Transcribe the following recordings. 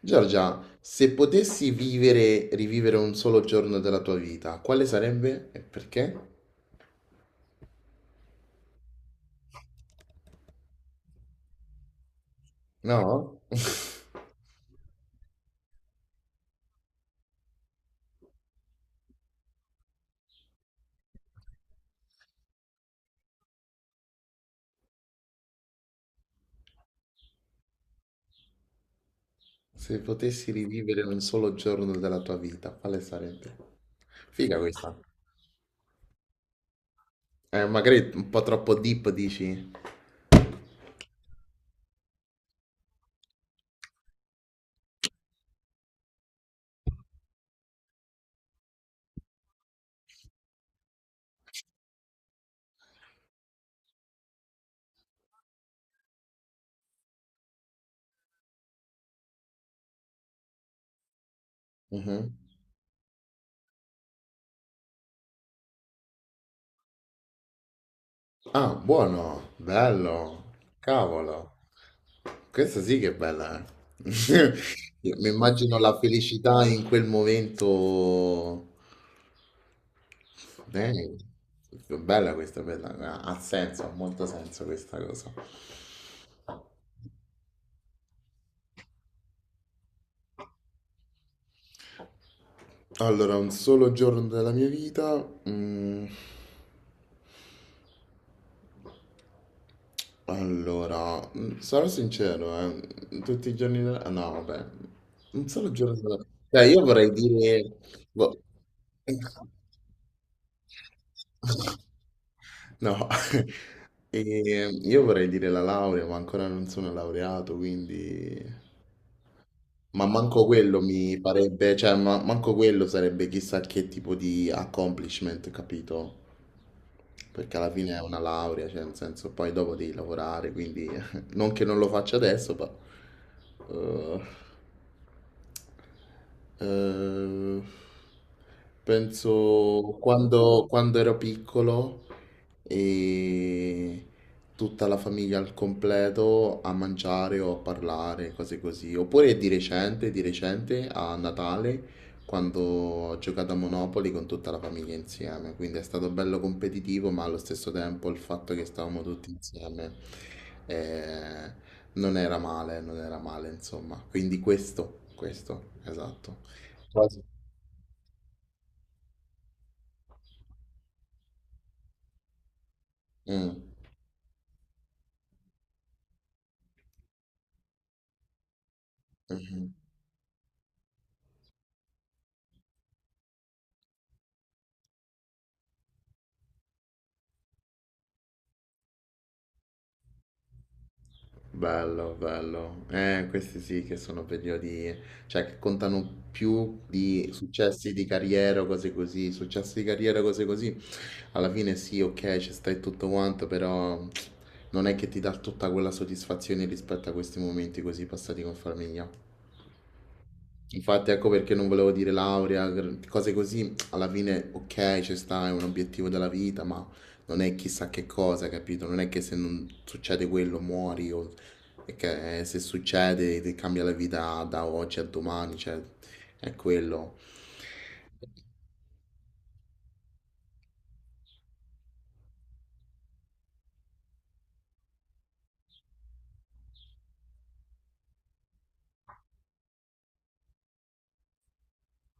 Giorgia, se potessi vivere, rivivere un solo giorno della tua vita, quale sarebbe e perché? No? Se potessi rivivere un solo giorno della tua vita, quale sarebbe? Figa questa. Magari un po' troppo deep, dici? Mhm. Ah, buono, bello, cavolo. Questa sì che è bella, eh. Io mi immagino la felicità in quel momento. Bella questa, bella, ha ha senso, ha molto senso questa cosa. Allora, un solo giorno della mia vita. mm, allora, sarò sincero, tutti i giorni della... No, vabbè, un solo giorno della... Cioè, io vorrei dire... boh. No. E io vorrei dire la laurea, ma ancora non sono laureato, quindi... Ma manco quello mi farebbe, cioè manco quello sarebbe chissà che tipo di accomplishment, capito? Perché alla fine è una laurea, cioè nel senso poi dopo devi lavorare, quindi non che non lo faccia adesso, ma... eh, eh, penso quando ero piccolo e tutta la famiglia al completo a mangiare o a parlare, cose così. Oppure di recente a Natale, quando ho giocato a Monopoli con tutta la famiglia insieme. Quindi è stato bello competitivo, ma allo stesso tempo il fatto che stavamo tutti insieme. eh, non era male, non era male, insomma. Quindi questo, esatto. Quasi. Mm, mhm. Bello, bello. Questi sì che sono periodi, cioè che contano più di successi di carriera o cose così. Successi di carriera, cose così. Alla fine sì, ok, ci stai tutto quanto, però non è che ti dà tutta quella soddisfazione rispetto a questi momenti così passati con famiglia. Infatti ecco perché non volevo dire laurea, cose così, alla fine ok, ci sta, è un obiettivo della vita, ma non è chissà che cosa, capito? Non è che se non succede quello muori o è che se succede ti cambia la vita da oggi a domani, cioè è quello.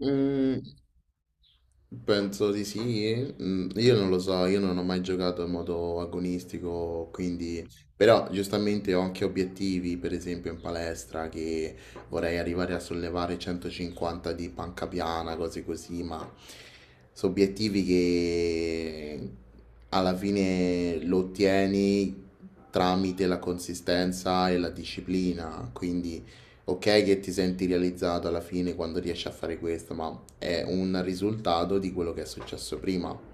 Mm, penso di sì. Mm, io non lo so, io non ho mai giocato in modo agonistico, quindi però giustamente ho anche obiettivi, per esempio in palestra, che vorrei arrivare a sollevare 150 di panca piana, cose così, ma sono obiettivi che alla fine lo ottieni tramite la consistenza e la disciplina, quindi ok che ti senti realizzato alla fine quando riesci a fare questo, ma è un risultato di quello che è successo prima.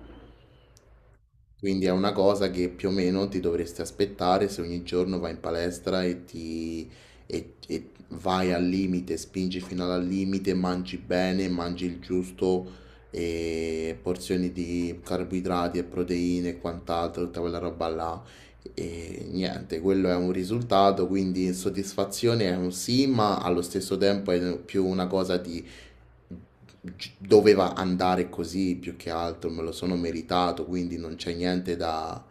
Quindi è una cosa che più o meno ti dovresti aspettare se ogni giorno vai in palestra e ti e vai al limite, spingi fino al limite, mangi bene, mangi il giusto, e porzioni di carboidrati e proteine e quant'altro, tutta quella roba là. E niente, quello è un risultato, quindi soddisfazione è un sì, ma allo stesso tempo è più una cosa di doveva andare così più che altro, me lo sono meritato, quindi non c'è niente da...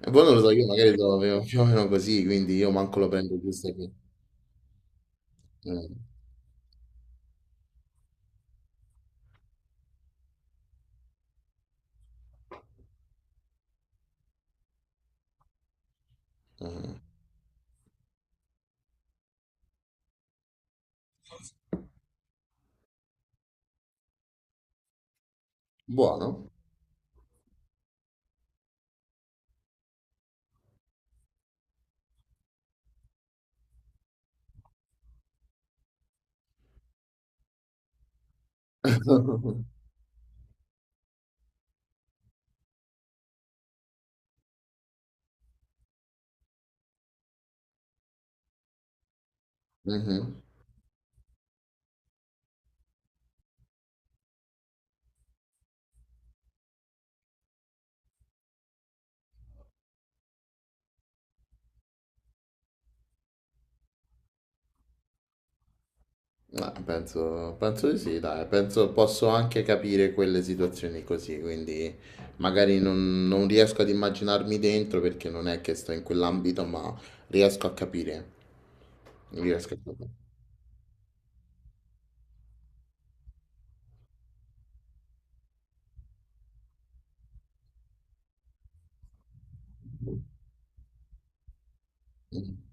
E poi non lo so, io magari lo avevo più o meno così, quindi io manco lo prendo giusto che... eh, eh. Buono. Mhm. Penso, penso di sì, dai, penso posso anche capire quelle situazioni così, quindi magari non, non riesco ad immaginarmi dentro perché non è che sto in quell'ambito, ma riesco a capire. Riesco a capire. Mhm.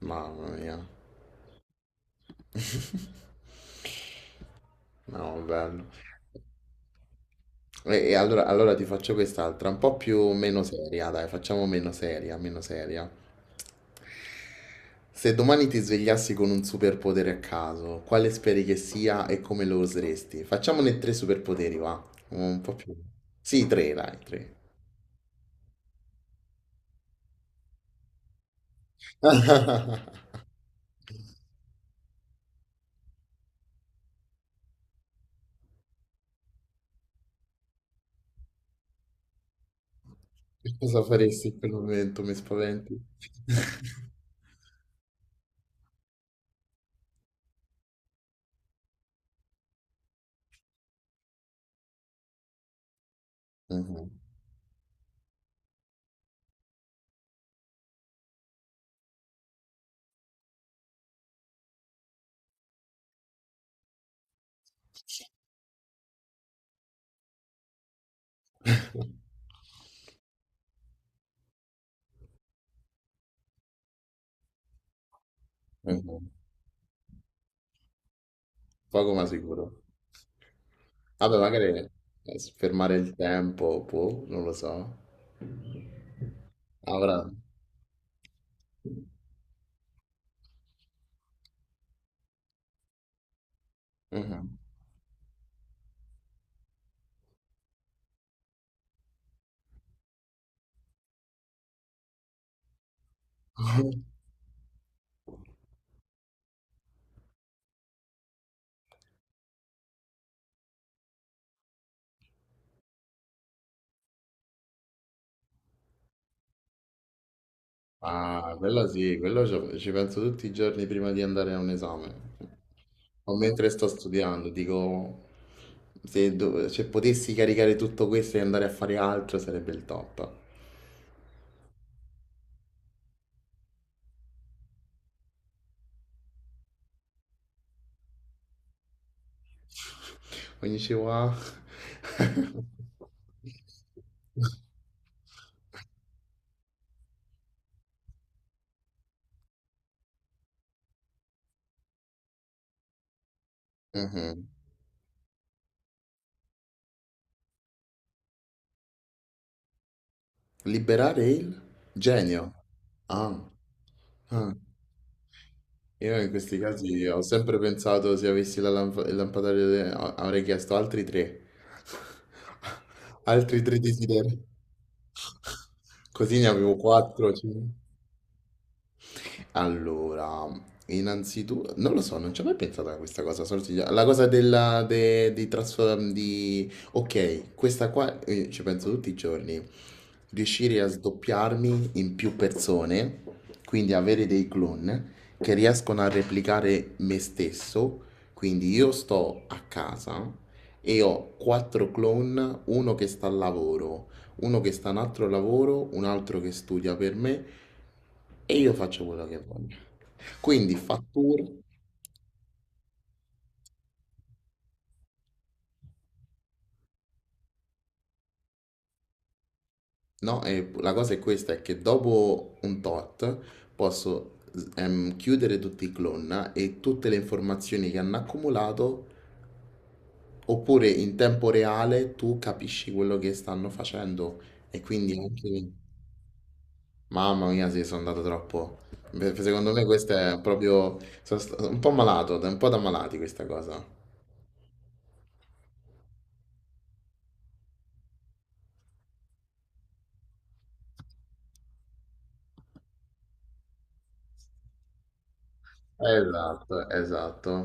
Mamma mia. No, bello. Allora, allora ti faccio quest'altra, un po' più meno seria, dai, facciamo meno seria, meno seria. Se domani ti svegliassi con un superpotere a caso, quale speri che sia e come lo useresti? Facciamone tre superpoteri, va. Un po' più. Sì, tre, dai, tre. Che cosa faresti in quel momento? Mi spaventi. Mhm, mhm. Poco ma sicuro. Vabbè, magari fermare il tempo, può, non lo so. Avrà. Mhm. Ah, quello sì, quello ci penso tutti i giorni prima di andare a un esame. O mentre sto studiando, dico, se, se potessi caricare tutto questo e andare a fare altro sarebbe il top. Ogni ci va. Mhm. Liberare il genio. Ah, ah. Io in questi casi ho sempre pensato se avessi la il lampadario, avrei chiesto altri 3. Altri tre desideri. Così ne avevo 4. Allora, innanzitutto, non lo so, non ci ho mai pensato a questa cosa. Solo la cosa della, di trasformare, di... Ok, questa qua ci penso tutti i giorni. Riuscire a sdoppiarmi in più persone, quindi avere dei clone che riescono a replicare me stesso. Quindi io sto a casa e ho 4 clone, uno che sta al lavoro, uno che sta a un altro lavoro, un altro che studia per me e io faccio quello che voglio. Quindi fatturo, no? E la cosa è questa, è che dopo un tot posso chiudere tutti i clone no, e tutte le informazioni che hanno accumulato, oppure in tempo reale tu capisci quello che stanno facendo e quindi anche... Mamma mia, sì, sono andato troppo. Beh, secondo me questo è proprio... Sono un po' malato, un po' da malati questa cosa. Esatto, esatto.